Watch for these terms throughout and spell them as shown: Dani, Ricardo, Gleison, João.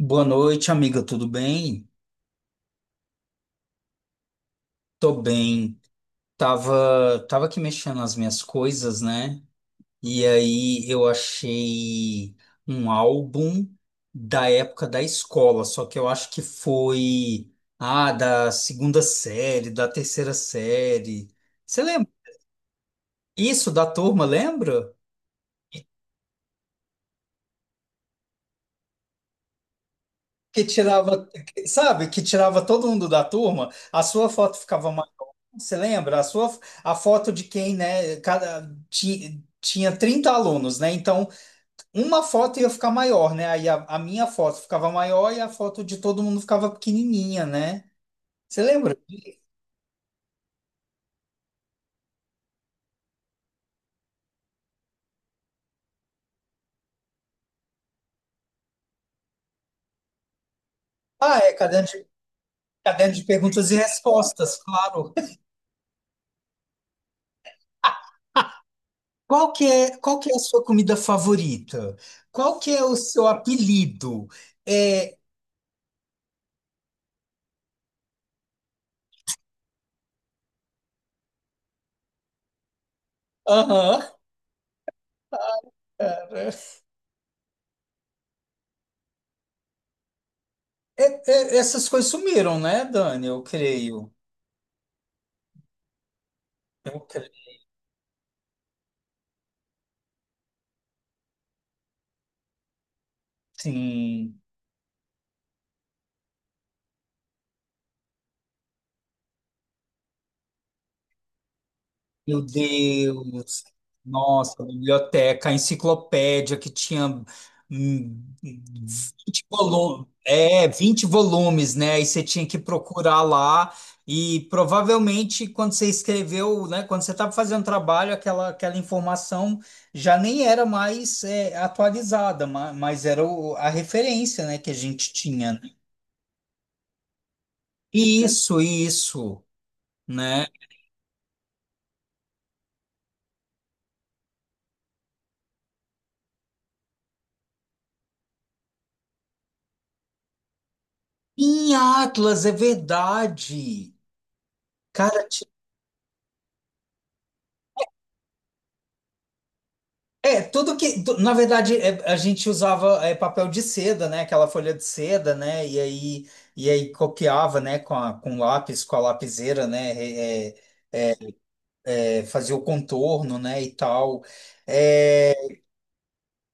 Boa noite, amiga, tudo bem? Tô bem. Tava aqui mexendo nas minhas coisas, né? E aí eu achei um álbum da época da escola, só que eu acho que foi, da segunda série, da terceira série. Você lembra? Isso, da turma, lembra? Sabe, que tirava todo mundo da turma, a sua foto ficava maior. Você lembra? A foto de quem, né? Tinha 30 alunos, né? Então, uma foto ia ficar maior, né? Aí a minha foto ficava maior e a foto de todo mundo ficava pequenininha, né? Você lembra? Ah, é, caderno de perguntas e respostas, claro. Qual que é a sua comida favorita? Qual que é o seu apelido? É, aham. Cara. É- essas coisas sumiram, né, Dani? Eu creio. Eu creio. Sim. Meu Deus. Nossa, a biblioteca, a enciclopédia que tinha 20 volumes, é, 20 volumes, né? Aí você tinha que procurar lá e provavelmente quando você escreveu, né, quando você estava fazendo trabalho, aquela informação já nem era mais atualizada, mas, a referência, né, que a gente tinha. Isso, né? Em Atlas, é verdade. Cara, ti- é, na verdade, a gente usava papel de seda, né? Aquela folha de seda, né? E aí copiava, né? Com com lápis, com a lapiseira, né? É, fazia o contorno, né? E tal. É,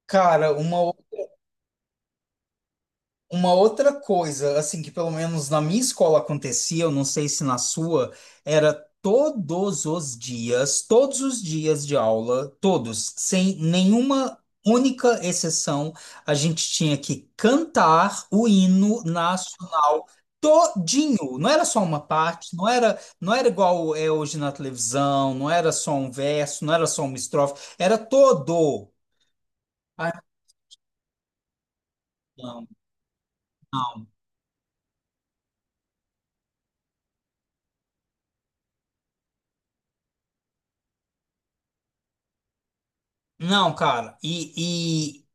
cara, uma. Uma outra coisa, assim, que pelo menos na minha escola acontecia, eu não sei se na sua, era todos os dias de aula, todos, sem nenhuma única exceção, a gente tinha que cantar o hino nacional todinho. Não era só uma parte, não era igual é hoje na televisão, não era só um verso, não era só uma estrofe, era todo. Ai, não. Não, cara,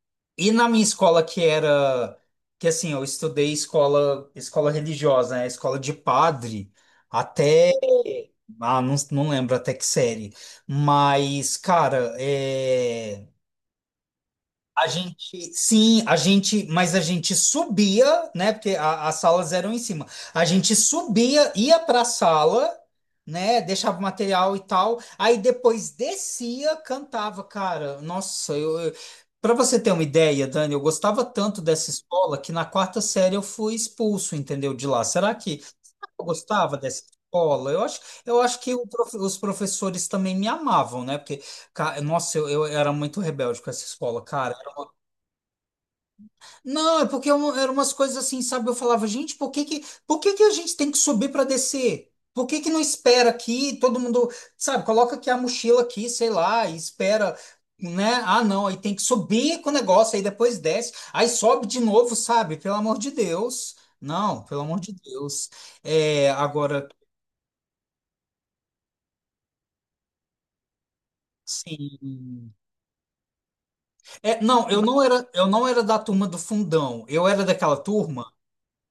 e na minha escola que era, que assim, eu estudei escola religiosa, né? Escola de padre, até, ah, não, não lembro até que série, mas, cara, é. A gente, mas a gente subia, né? Porque as salas eram em cima. A gente subia, ia para a sala, né? Deixava o material e tal. Aí depois descia, cantava, cara. Para você ter uma ideia, Dani, eu gostava tanto dessa escola que na quarta série eu fui expulso, entendeu? De lá. Será que eu gostava dessa escola? Eu acho que os professores também me amavam, né? Porque, nossa, eu era muito rebelde com essa escola, cara. Não, é porque eram umas coisas assim, sabe? Eu falava, gente, por que que a gente tem que subir para descer? Por que que não espera aqui? Todo mundo, sabe, coloca aqui a mochila aqui, sei lá, e espera, né? Ah, não, aí tem que subir com o negócio, aí depois desce, aí sobe de novo, sabe? Pelo amor de Deus. Não, pelo amor de Deus. É, agora, sim. É, não, eu não era da turma do fundão. Eu era daquela turma.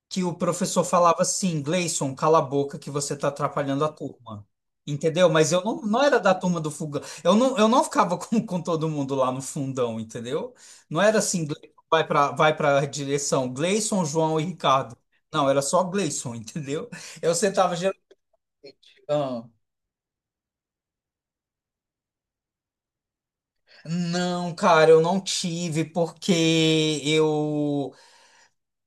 Que o professor falava assim, Gleison, cala a boca que você está atrapalhando a turma. Entendeu? Mas eu não, não era da turma do fogão. Eu não ficava com todo mundo lá no fundão, entendeu? Não era assim, Gleison, vai para a direção, Gleison, João e Ricardo. Não, era só Gleison, entendeu? Eu sentava geralmente. Ah, não, cara, eu não tive porque eu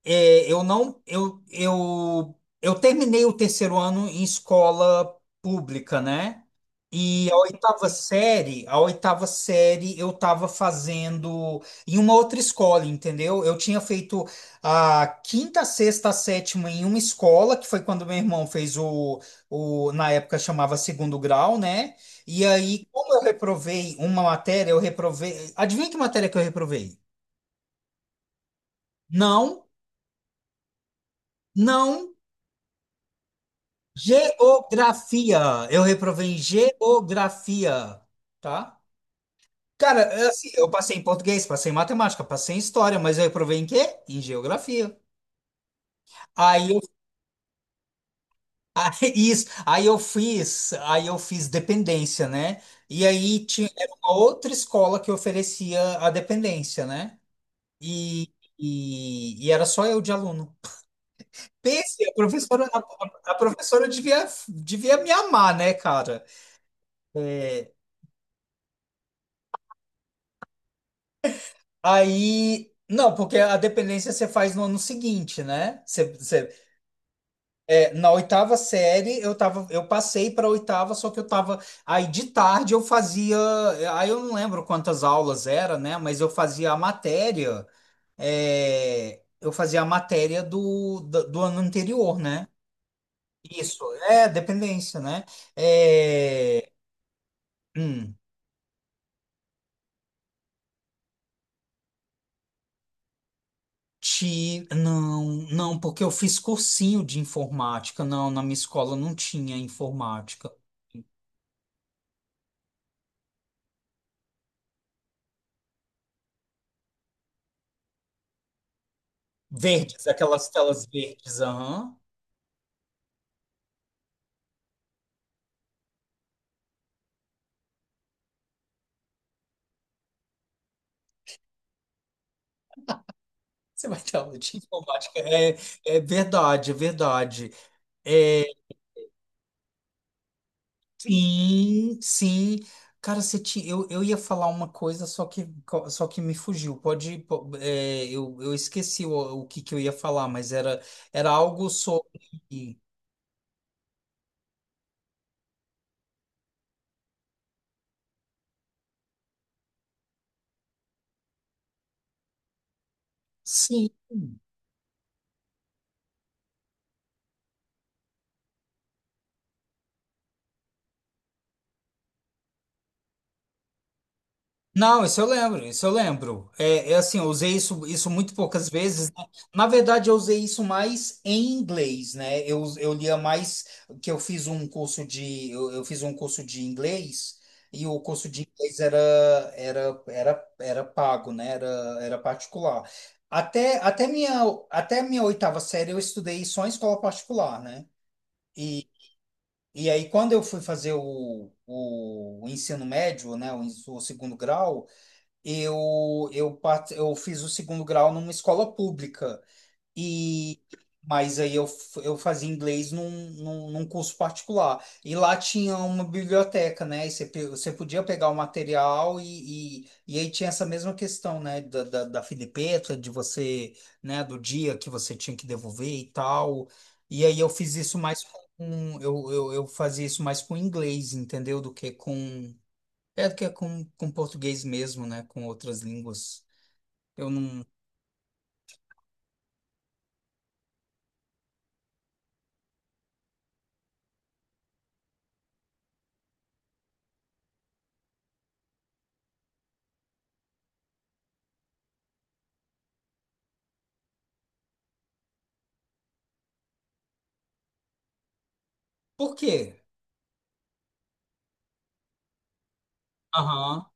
é, eu não, eu terminei o terceiro ano em escola pública, né? E a oitava série eu estava fazendo em uma outra escola, entendeu? Eu tinha feito a quinta, sexta, a sétima em uma escola, que foi quando meu irmão fez o, na época chamava segundo grau, né? E aí, como eu reprovei uma matéria, eu reprovei. Adivinha que matéria que eu reprovei? Não, não. Geografia. Eu reprovei em geografia, tá? Cara, é assim, eu passei em português, passei em matemática, passei em história, mas eu reprovei em quê? Em geografia. Aí eu, aí, isso, aí eu fiz dependência, né? E aí tinha era uma outra escola que oferecia a dependência, né? E, e era só eu de aluno. Pense, a professora devia, devia me amar, né, cara? É, aí, não, porque a dependência você faz no ano seguinte, né? É, na oitava série eu passei para oitava, só que eu tava aí de tarde eu fazia, aí eu não lembro quantas aulas era, né? Mas eu fazia a matéria, é, eu fazia a matéria do ano anterior, né? Isso, é dependência, né? É, hum. Não, não, porque eu fiz cursinho de informática. Não, na minha escola não tinha informática. Verdes, aquelas telas verdes, aham. Você vai ter aula de informática. É, é verdade, é verdade. É, sim, sim. Eu ia falar uma coisa, só que me fugiu. É, eu esqueci o que, que eu ia falar, mas era algo sobre. Sim. Não, isso eu lembro, isso eu lembro. É, é assim, eu usei isso muito poucas vezes. Né? Na verdade, eu usei isso mais em inglês, né? Eu lia mais que eu fiz um curso eu fiz um curso de inglês e o curso de inglês era pago, né? Era, era particular. Até até minha até minha oitava série eu estudei só em escola particular, né? E, e aí, quando eu fui fazer o ensino médio, né, o segundo grau, eu fiz o segundo grau numa escola pública e mas aí eu, eu fazia inglês num curso particular e lá tinha uma biblioteca, né, e você podia pegar o material, e aí tinha essa mesma questão, né, da filipeta de você, né, do dia que você tinha que devolver e tal, e aí eu fiz isso mais com eu fazia isso mais com inglês, entendeu, do que com é que é com português mesmo, né? Com outras línguas. Eu não. Por quê? Aham.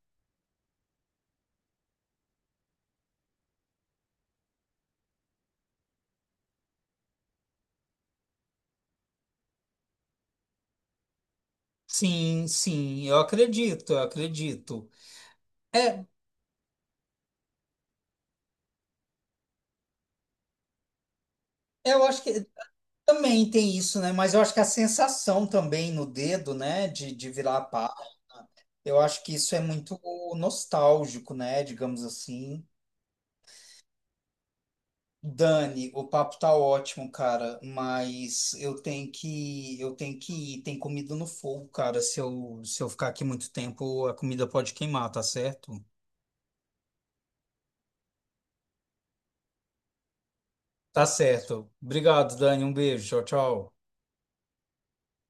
Sim, sim, eu acredito, eu acredito. É, eu acho que também tem isso, né? Mas eu acho que a sensação também no dedo, né? De virar a página. Eu acho que isso é muito nostálgico, né? Digamos assim. Dani, o papo tá ótimo, cara, mas eu tenho que ir, tem comida no fogo, cara. Se eu ficar aqui muito tempo, a comida pode queimar, tá certo? Tá certo. Obrigado, Dani, um beijo. Tchau, tchau.